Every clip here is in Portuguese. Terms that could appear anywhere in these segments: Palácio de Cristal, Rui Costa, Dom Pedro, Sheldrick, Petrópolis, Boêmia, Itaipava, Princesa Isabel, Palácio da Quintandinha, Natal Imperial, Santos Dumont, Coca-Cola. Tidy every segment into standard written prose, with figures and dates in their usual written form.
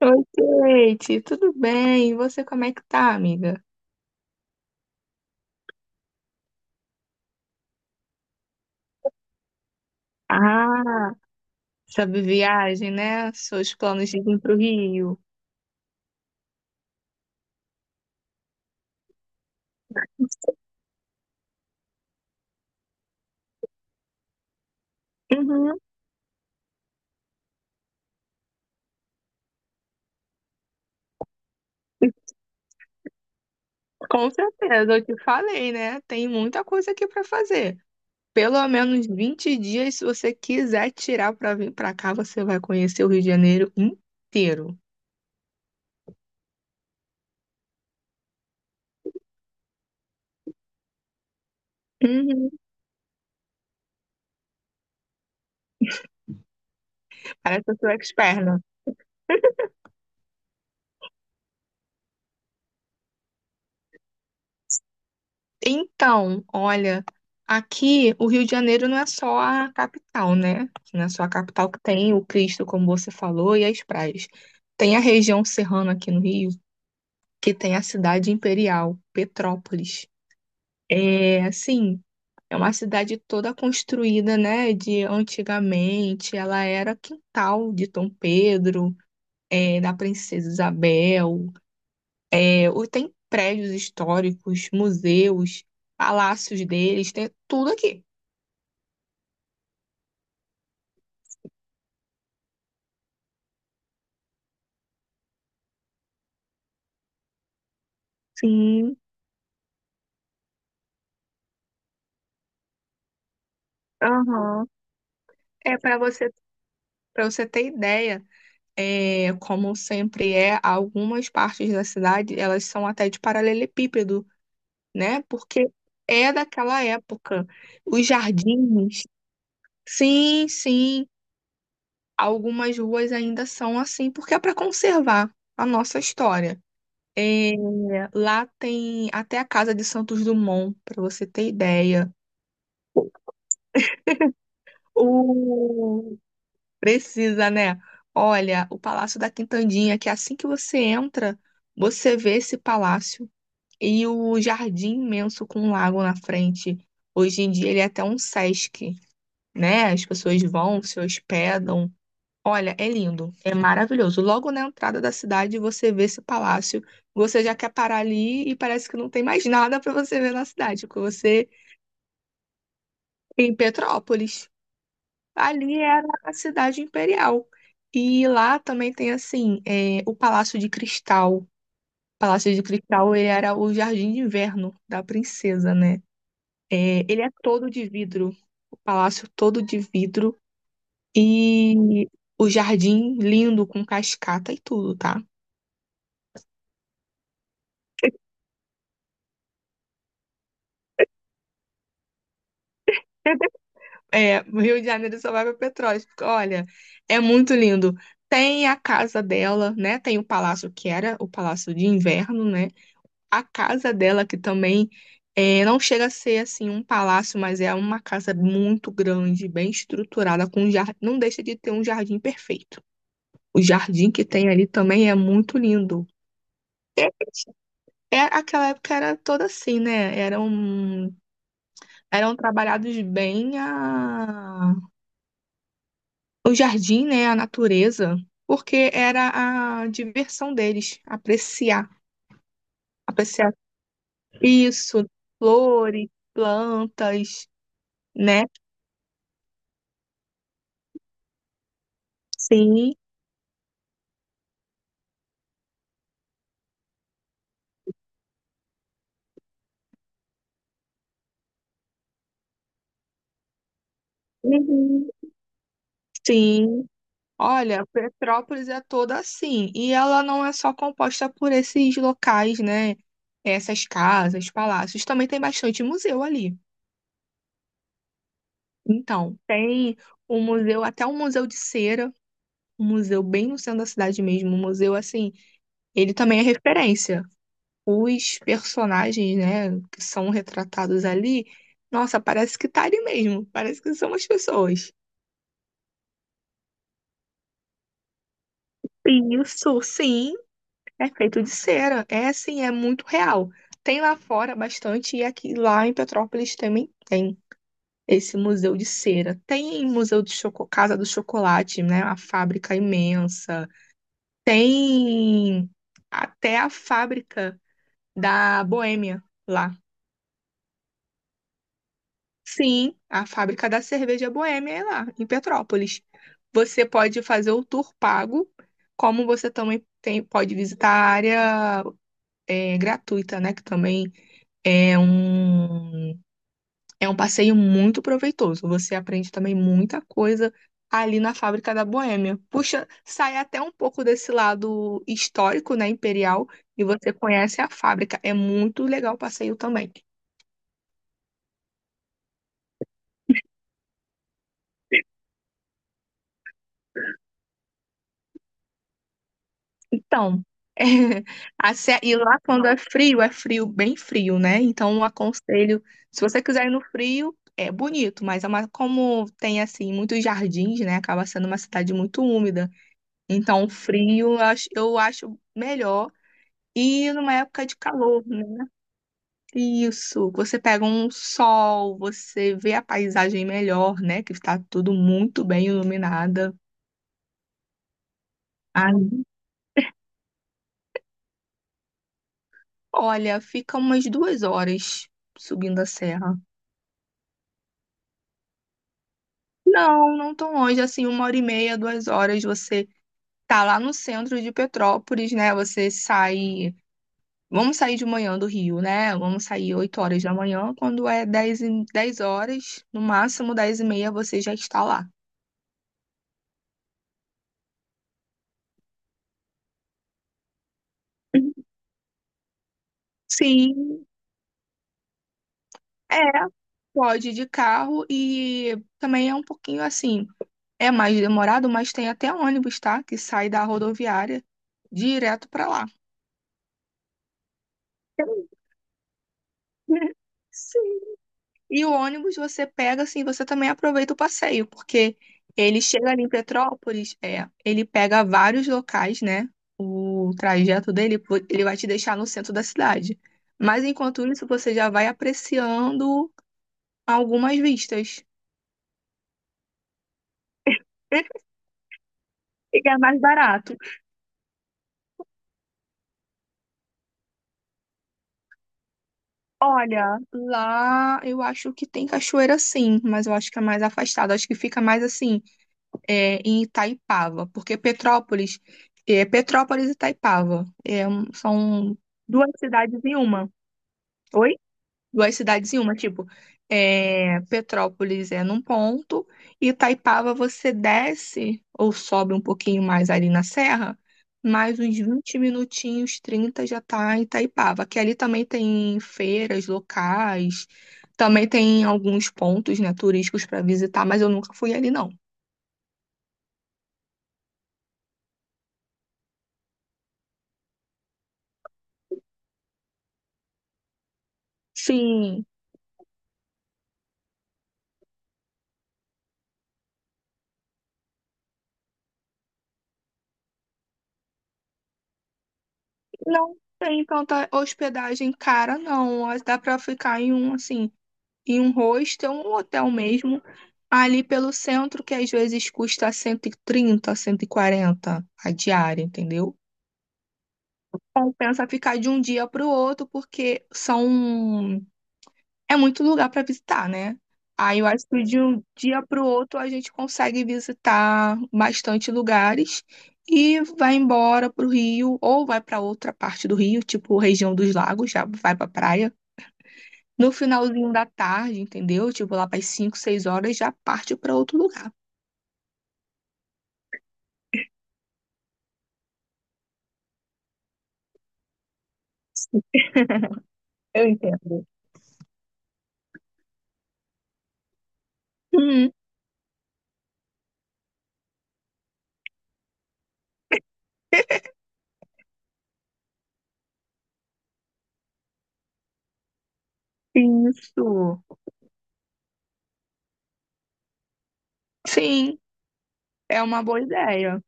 Oi, Kate, tudo bem? E você, como é que tá, amiga? Ah, sabe viagem, né? Seus planos de vir pro Rio. Uhum, com certeza, eu te falei, né? Tem muita coisa aqui pra fazer. Pelo menos 20 dias, se você quiser tirar pra vir pra cá, você vai conhecer o Rio de Janeiro inteiro. Uhum. Parece que eu sou expert, né? Então, olha, aqui o Rio de Janeiro não é só a capital, né? Não é só a capital que tem o Cristo, como você falou, e as praias. Tem a região serrana aqui no Rio, que tem a cidade imperial, Petrópolis. É, assim, é uma cidade toda construída, né, de antigamente. Ela era quintal de Dom Pedro, da Princesa Isabel. Tem prédios históricos, museus, palácios deles, tem tudo aqui. Sim, aham. É para você, para você ter ideia, como sempre é, algumas partes da cidade, elas são até de paralelepípedo, né? Porque é daquela época. Os jardins, sim, sim, algumas ruas ainda são assim, porque é para conservar a nossa história. É, lá tem até a Casa de Santos Dumont, para você ter ideia. O, Precisa, né? Olha, o Palácio da Quintandinha, que é assim que você entra, você vê esse palácio e o jardim imenso com um lago na frente. Hoje em dia ele é até um Sesc, né? As pessoas vão, se hospedam. Olha, é lindo, é maravilhoso. Logo na entrada da cidade você vê esse palácio, você já quer parar ali e parece que não tem mais nada para você ver na cidade, porque você é em Petrópolis. Ali era a cidade imperial. E lá também tem, assim, o Palácio de Cristal. O Palácio de Cristal, ele era o jardim de inverno da princesa, né? É, ele é todo de vidro, o palácio todo de vidro. E o jardim lindo, com cascata e tudo, tá? É, o Rio de Janeiro só vai pra Petrópolis, porque, olha, é muito lindo. Tem a casa dela, né? Tem o palácio que era o palácio de inverno, né? A casa dela, que também é, não chega a ser assim um palácio, mas é uma casa muito grande, bem estruturada, com um jardim, não deixa de ter um jardim perfeito. O jardim que tem ali também é muito lindo. É, é, aquela época era toda assim, né? Eram trabalhados o jardim, né? A natureza, porque era a diversão deles, apreciar, apreciar isso, flores, plantas, né? Sim, uhum, sim. Olha, Petrópolis é toda assim. E ela não é só composta por esses locais, né? Essas casas, palácios. Também tem bastante museu ali. Então, tem um museu, até um museu de cera, um museu bem no centro da cidade mesmo. Um museu assim, ele também é referência. Os personagens, né, que são retratados ali, nossa, parece que tá ali mesmo. Parece que são as pessoas. Isso, sim. É feito de cera. É assim, é muito real. Tem lá fora bastante, e aqui lá em Petrópolis também tem esse museu de cera. Tem museu de choco, Casa do Chocolate, né? A fábrica imensa. Tem até a fábrica da Boêmia lá. Sim, a fábrica da cerveja Boêmia é lá, em Petrópolis. Você pode fazer o tour pago, como você também pode visitar a área gratuita, né? Que também É um, é um passeio muito proveitoso. Você aprende também muita coisa ali na fábrica da Boêmia. Puxa, sai até um pouco desse lado histórico, né, imperial, e você conhece a fábrica. É muito legal o passeio também. Então, é, a e lá quando é frio, bem frio, né? Então, eu aconselho, se você quiser ir no frio, é bonito, mas é como tem assim muitos jardins, né? Acaba sendo uma cidade muito úmida. Então, o frio eu acho melhor. E numa época de calor, né? Isso, você pega um sol, você vê a paisagem melhor, né? Que está tudo muito bem iluminada. Ai, olha, fica umas duas horas subindo a serra. Não, não tão longe, assim, uma hora e meia, duas horas. Você tá lá no centro de Petrópolis, né? Você sai. Vamos sair de manhã do Rio, né? Vamos sair 8 horas da manhã, quando é 10 horas, no máximo 10 e meia você já está lá. Sim, é. Pode ir de carro e também é um pouquinho assim, é mais demorado, mas tem até ônibus, tá? Que sai da rodoviária direto para lá. Sim. E o ônibus você pega, assim, você também aproveita o passeio, porque ele chega ali em Petrópolis, é, ele pega vários locais, né? O trajeto dele, pô, ele vai te deixar no centro da cidade. Mas enquanto isso, você já vai apreciando algumas vistas. E é mais barato. Olha, lá eu acho que tem cachoeira sim, mas eu acho que é mais afastado. Acho que fica mais assim. É, em Itaipava, porque Petrópolis, é, Petrópolis e Itaipava é, são duas cidades em uma. Oi? Duas cidades em uma, tipo, é, Petrópolis é num ponto e Itaipava você desce ou sobe um pouquinho mais ali na serra, mais uns 20 minutinhos, 30 já tá em Itaipava, que ali também tem feiras locais, também tem alguns pontos, né, turísticos para visitar, mas eu nunca fui ali não. Sim, não tem tanta hospedagem cara, não. Mas dá pra ficar em um, assim, em um hostel, um hotel mesmo, ali pelo centro, que às vezes custa cento e 140 a diária, entendeu? Compensa ficar de um dia pro outro, porque são é muito lugar para visitar, né? Aí eu acho que de um dia para o outro a gente consegue visitar bastante lugares e vai embora para o Rio ou vai para outra parte do Rio, tipo região dos lagos, já vai para praia. No finalzinho da tarde, entendeu? Tipo lá para as 5, 6 horas já parte para outro lugar. Eu entendo. Hum, isso. Sim, é uma boa ideia.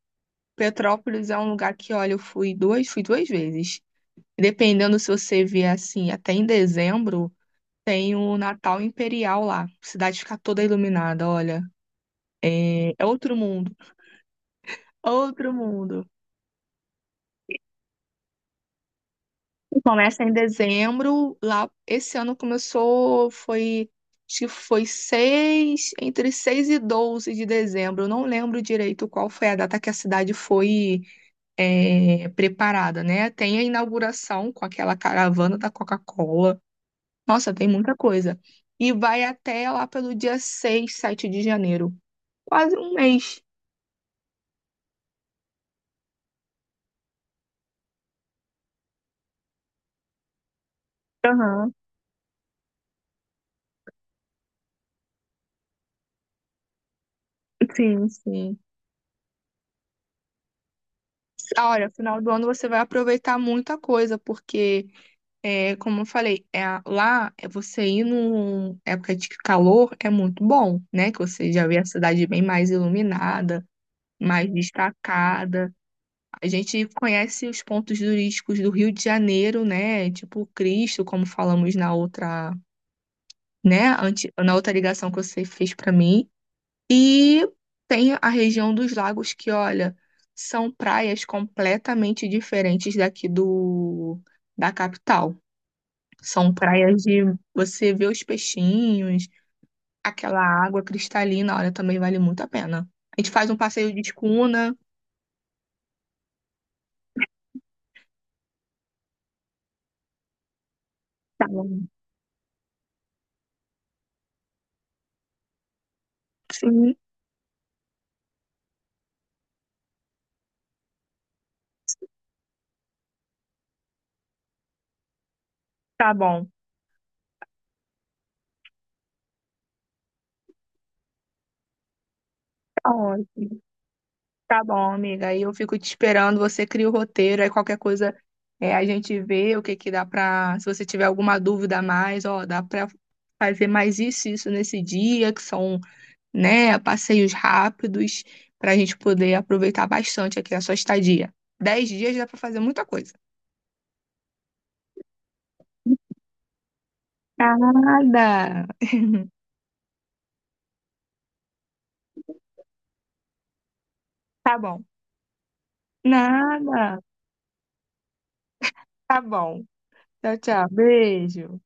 Petrópolis é um lugar que, olha, fui duas vezes. E dependendo se você vier assim, até em dezembro, tem o Natal Imperial lá. A cidade fica toda iluminada, olha. É, é outro mundo, outro mundo. Começa em dezembro, lá esse ano começou, foi, acho que foi 6 e 12 de dezembro. Eu não lembro direito qual foi a data que a cidade foi é, preparada, né? Tem a inauguração com aquela caravana da Coca-Cola. Nossa, tem muita coisa. E vai até lá pelo dia 6, 7 de janeiro. Quase um mês. Aham, sim, sim. Ah, olha, final do ano você vai aproveitar muita coisa, porque, é, como eu falei, é, lá é você ir numa época de calor é muito bom, né? Que você já vê a cidade bem mais iluminada, mais destacada. A gente conhece os pontos turísticos do Rio de Janeiro, né? Tipo Cristo, como falamos na outra né? Na outra ligação que você fez para mim. E tem a região dos lagos que, olha, são praias completamente diferentes daqui do da capital. São praias de você ver os peixinhos, aquela água cristalina, olha, também vale muito a pena. A gente faz um passeio de escuna. Tá bom. Sim, tá bom. Tá ótimo. Tá bom, amiga. Aí eu fico te esperando. Você cria o roteiro. Aí qualquer coisa é, a gente vê o que que dá pra. Se você tiver alguma dúvida a mais, ó, dá pra fazer mais isso, e isso nesse dia, que são, né, passeios rápidos, pra gente poder aproveitar bastante aqui a sua estadia. Dez dias dá pra fazer muita coisa. Nada. Tá bom. Nada. Tá bom. Tchau, tchau. Beijo.